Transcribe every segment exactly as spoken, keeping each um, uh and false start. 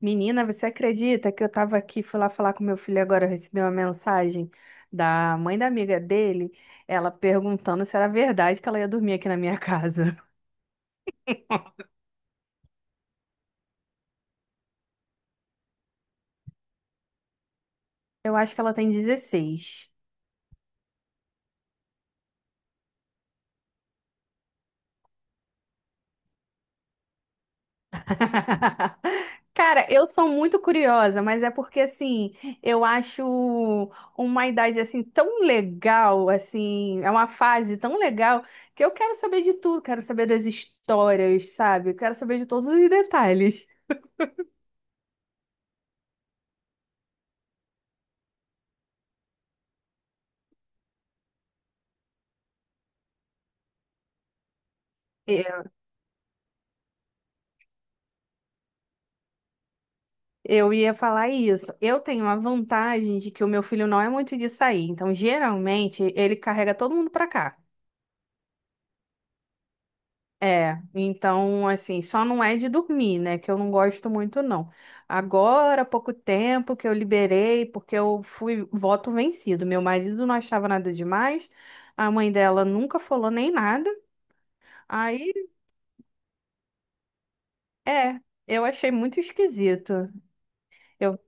Menina, você acredita que eu tava aqui, fui lá falar com meu filho agora, eu recebi uma mensagem da mãe da amiga dele, ela perguntando se era verdade que ela ia dormir aqui na minha casa. Eu acho que ela tem dezesseis. Cara, eu sou muito curiosa, mas é porque assim, eu acho uma idade assim tão legal, assim, é uma fase tão legal que eu quero saber de tudo, quero saber das histórias, sabe? Eu quero saber de todos os detalhes. Eu ia falar isso. Eu tenho a vantagem de que o meu filho não é muito de sair, então geralmente ele carrega todo mundo pra cá. É, então assim, só não é de dormir, né? Que eu não gosto muito não. Agora, há pouco tempo que eu liberei, porque eu fui voto vencido. Meu marido não achava nada demais, a mãe dela nunca falou nem nada. Aí, é, eu achei muito esquisito. Eu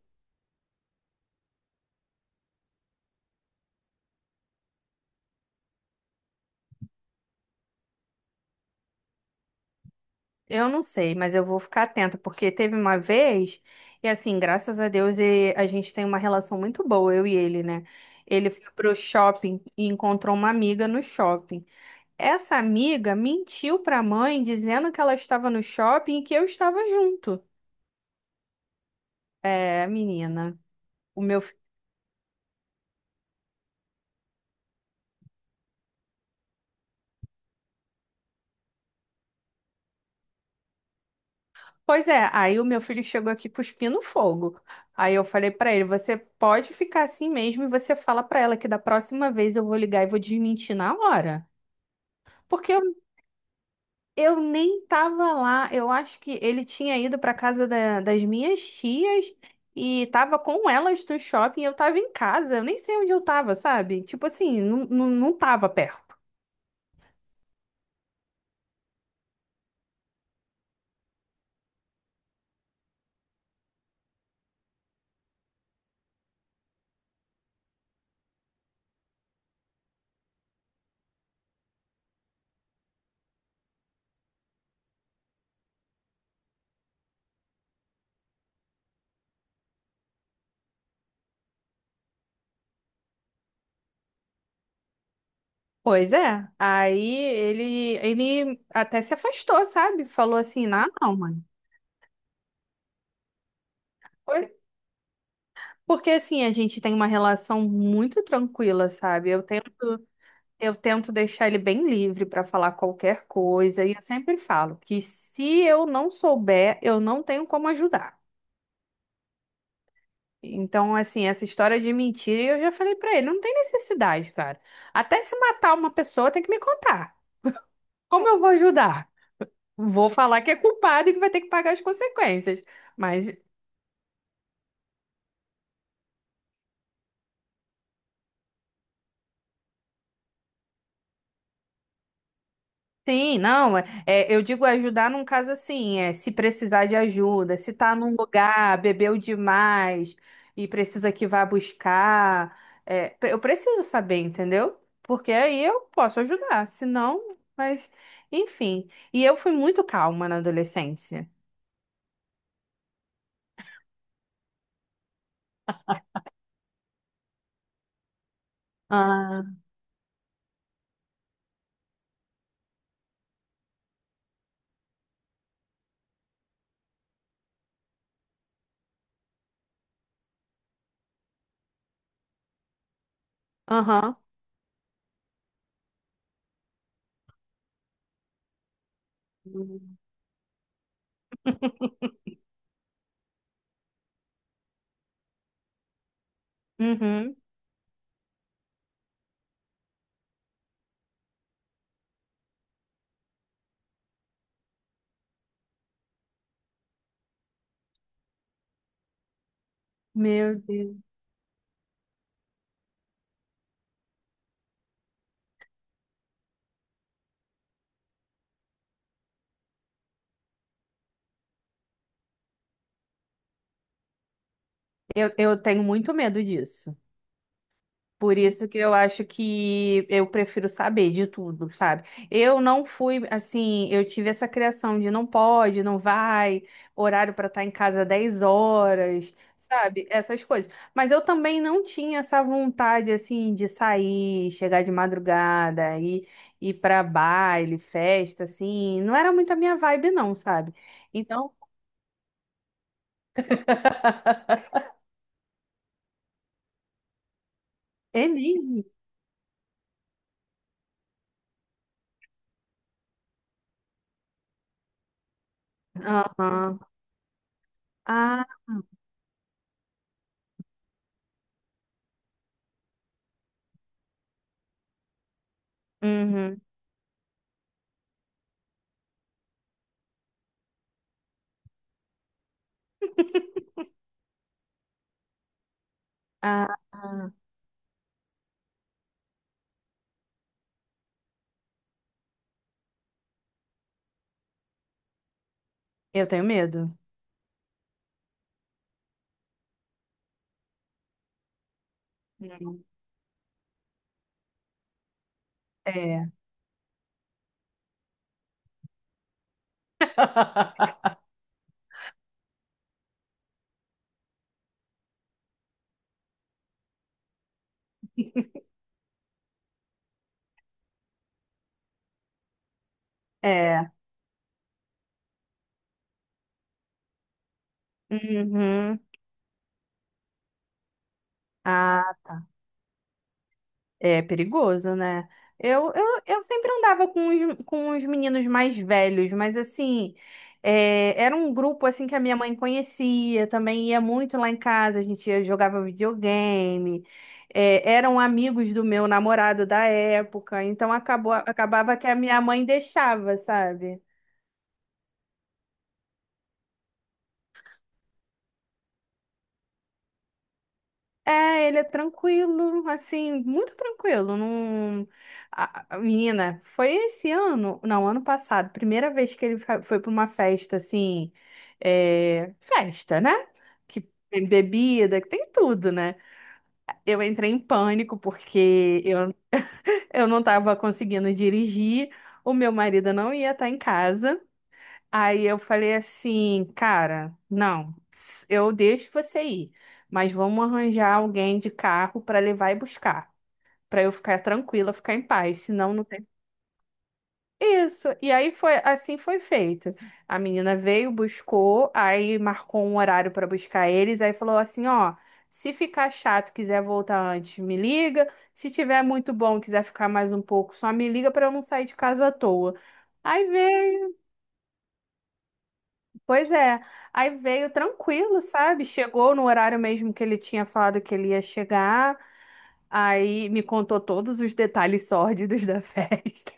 Eu não sei, mas eu vou ficar atenta, porque teve uma vez, e assim, graças a Deus, e a gente tem uma relação muito boa, eu e ele, né? Ele foi pro shopping e encontrou uma amiga no shopping. Essa amiga mentiu pra mãe dizendo que ela estava no shopping e que eu estava junto. É, menina, o meu. fi- pois é, aí o meu filho chegou aqui cuspindo fogo. Aí eu falei pra ele, você pode ficar assim mesmo e você fala pra ela que da próxima vez eu vou ligar e vou desmentir na hora. Porque Eu nem tava lá. Eu acho que ele tinha ido para casa da- das minhas tias e tava com elas no shopping. Eu tava em casa. Eu nem sei onde eu tava, sabe? Tipo assim, não, não, não tava perto. Pois é. Aí ele, ele até se afastou, sabe? Falou assim, ah, não, mano. Oi? Porque assim, a gente tem uma relação muito tranquila, sabe? Eu tento. Eu tento deixar ele bem livre para falar qualquer coisa, e eu sempre falo que se eu não souber, eu não tenho como ajudar. Então, assim, essa história de mentira, eu já falei para ele, não tem necessidade, cara. Até se matar uma pessoa, tem que me contar. Como eu vou ajudar? Vou falar que é culpado e que vai ter que pagar as consequências. Mas Sim, não, é, é, eu digo ajudar num caso assim, é se precisar de ajuda, se tá num lugar, bebeu demais e precisa que vá buscar, é, pre- eu preciso saber, entendeu? Porque aí eu posso ajudar, se não, mas enfim. E eu fui muito calma na adolescência. Ah, aham. Uhum. Meu Deus. Eu, eu tenho muito medo disso. Por isso que eu acho que eu prefiro saber de tudo, sabe? Eu não fui assim, eu tive essa criação de não pode, não vai, horário para estar em casa dez horas, sabe? Essas coisas. Mas eu também não tinha essa vontade assim de sair, chegar de madrugada, ir, ir para baile, festa, assim. Não era muito a minha vibe, não, sabe? Então, é mesmo. Aham. Ah, uhum. Ah. Eu tenho medo. Não. É. É. Uhum. Ah, é perigoso, né? Eu, eu, eu sempre andava com os, com os meninos mais velhos, mas assim, é, era um grupo assim que a minha mãe conhecia, também ia muito lá em casa, a gente ia- jogava videogame, é, eram amigos do meu namorado da época, então acabou, acabava que a minha mãe deixava, sabe? É, ele é tranquilo, assim, muito tranquilo. Não... A, a- menina, foi esse ano, não, ano passado, primeira vez que ele fa- foi para uma festa, assim, é, festa, né? Que tem bebida, que tem tudo, né? Eu entrei em pânico porque eu, eu não estava conseguindo dirigir, o meu marido não ia estar em casa. Aí eu falei assim, cara, não, eu deixo você ir, mas vamos arranjar alguém de carro para levar e buscar, para eu ficar tranquila, ficar em paz, senão não tem. Isso. E aí foi, assim foi feito. A menina veio, buscou, aí marcou um horário para buscar eles, aí falou assim, ó, se ficar chato, quiser voltar antes, me liga. Se tiver muito bom, quiser ficar mais um pouco, só me liga para eu não sair de casa à toa. Aí veio Pois é, aí veio tranquilo, sabe? Chegou no horário mesmo que ele tinha falado que ele ia chegar, aí me contou todos os detalhes sórdidos da festa.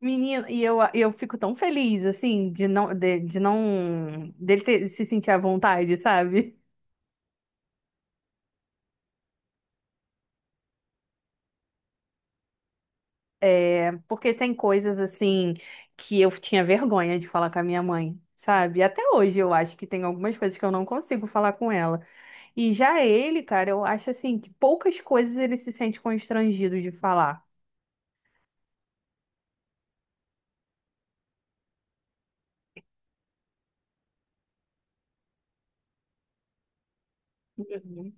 Menina, e eu, eu fico tão feliz, assim, de não, de, de não, dele ter- se sentir à vontade, sabe? É, porque tem coisas, assim, que eu tinha vergonha de falar com a minha mãe, sabe? Até hoje eu acho que tem algumas coisas que eu não consigo falar com ela. E já ele, cara, eu acho assim que poucas coisas ele se sente constrangido de falar. Uhum.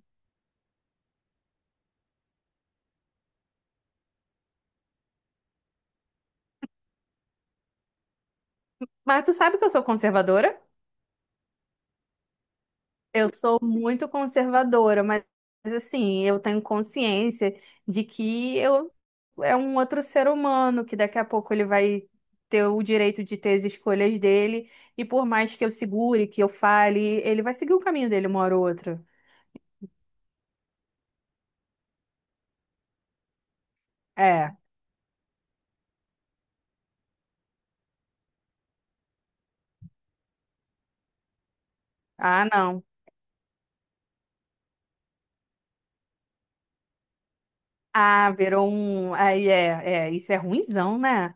Mas tu sabe que eu sou conservadora? Eu sou muito conservadora, mas mas, assim, eu tenho consciência de que eu é um outro ser humano, que daqui a pouco ele vai ter o direito de ter as escolhas dele, e por mais que eu segure, que eu fale, ele vai seguir o caminho dele uma hora ou outra. É. Ah, não. Ah, virou um. Aí é, é, isso é ruinzão, né?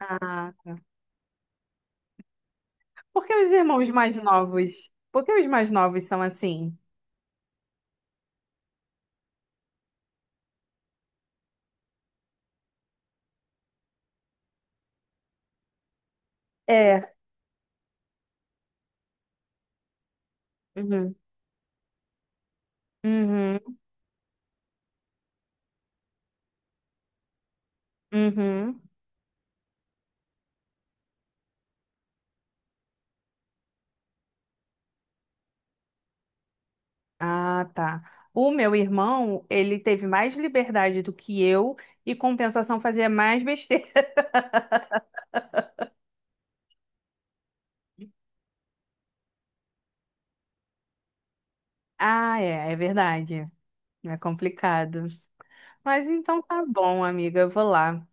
Ah, por que os irmãos mais novos? Por que os mais novos são assim? É. Uhum. Uhum. Uhum. Ah, tá. O meu irmão, ele teve mais liberdade do que eu e compensação fazia mais besteira. Ah, é, é verdade. É complicado. Mas então tá bom, amiga, eu vou lá.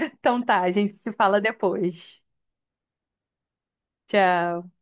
Então tá, a gente se fala depois. Tchau.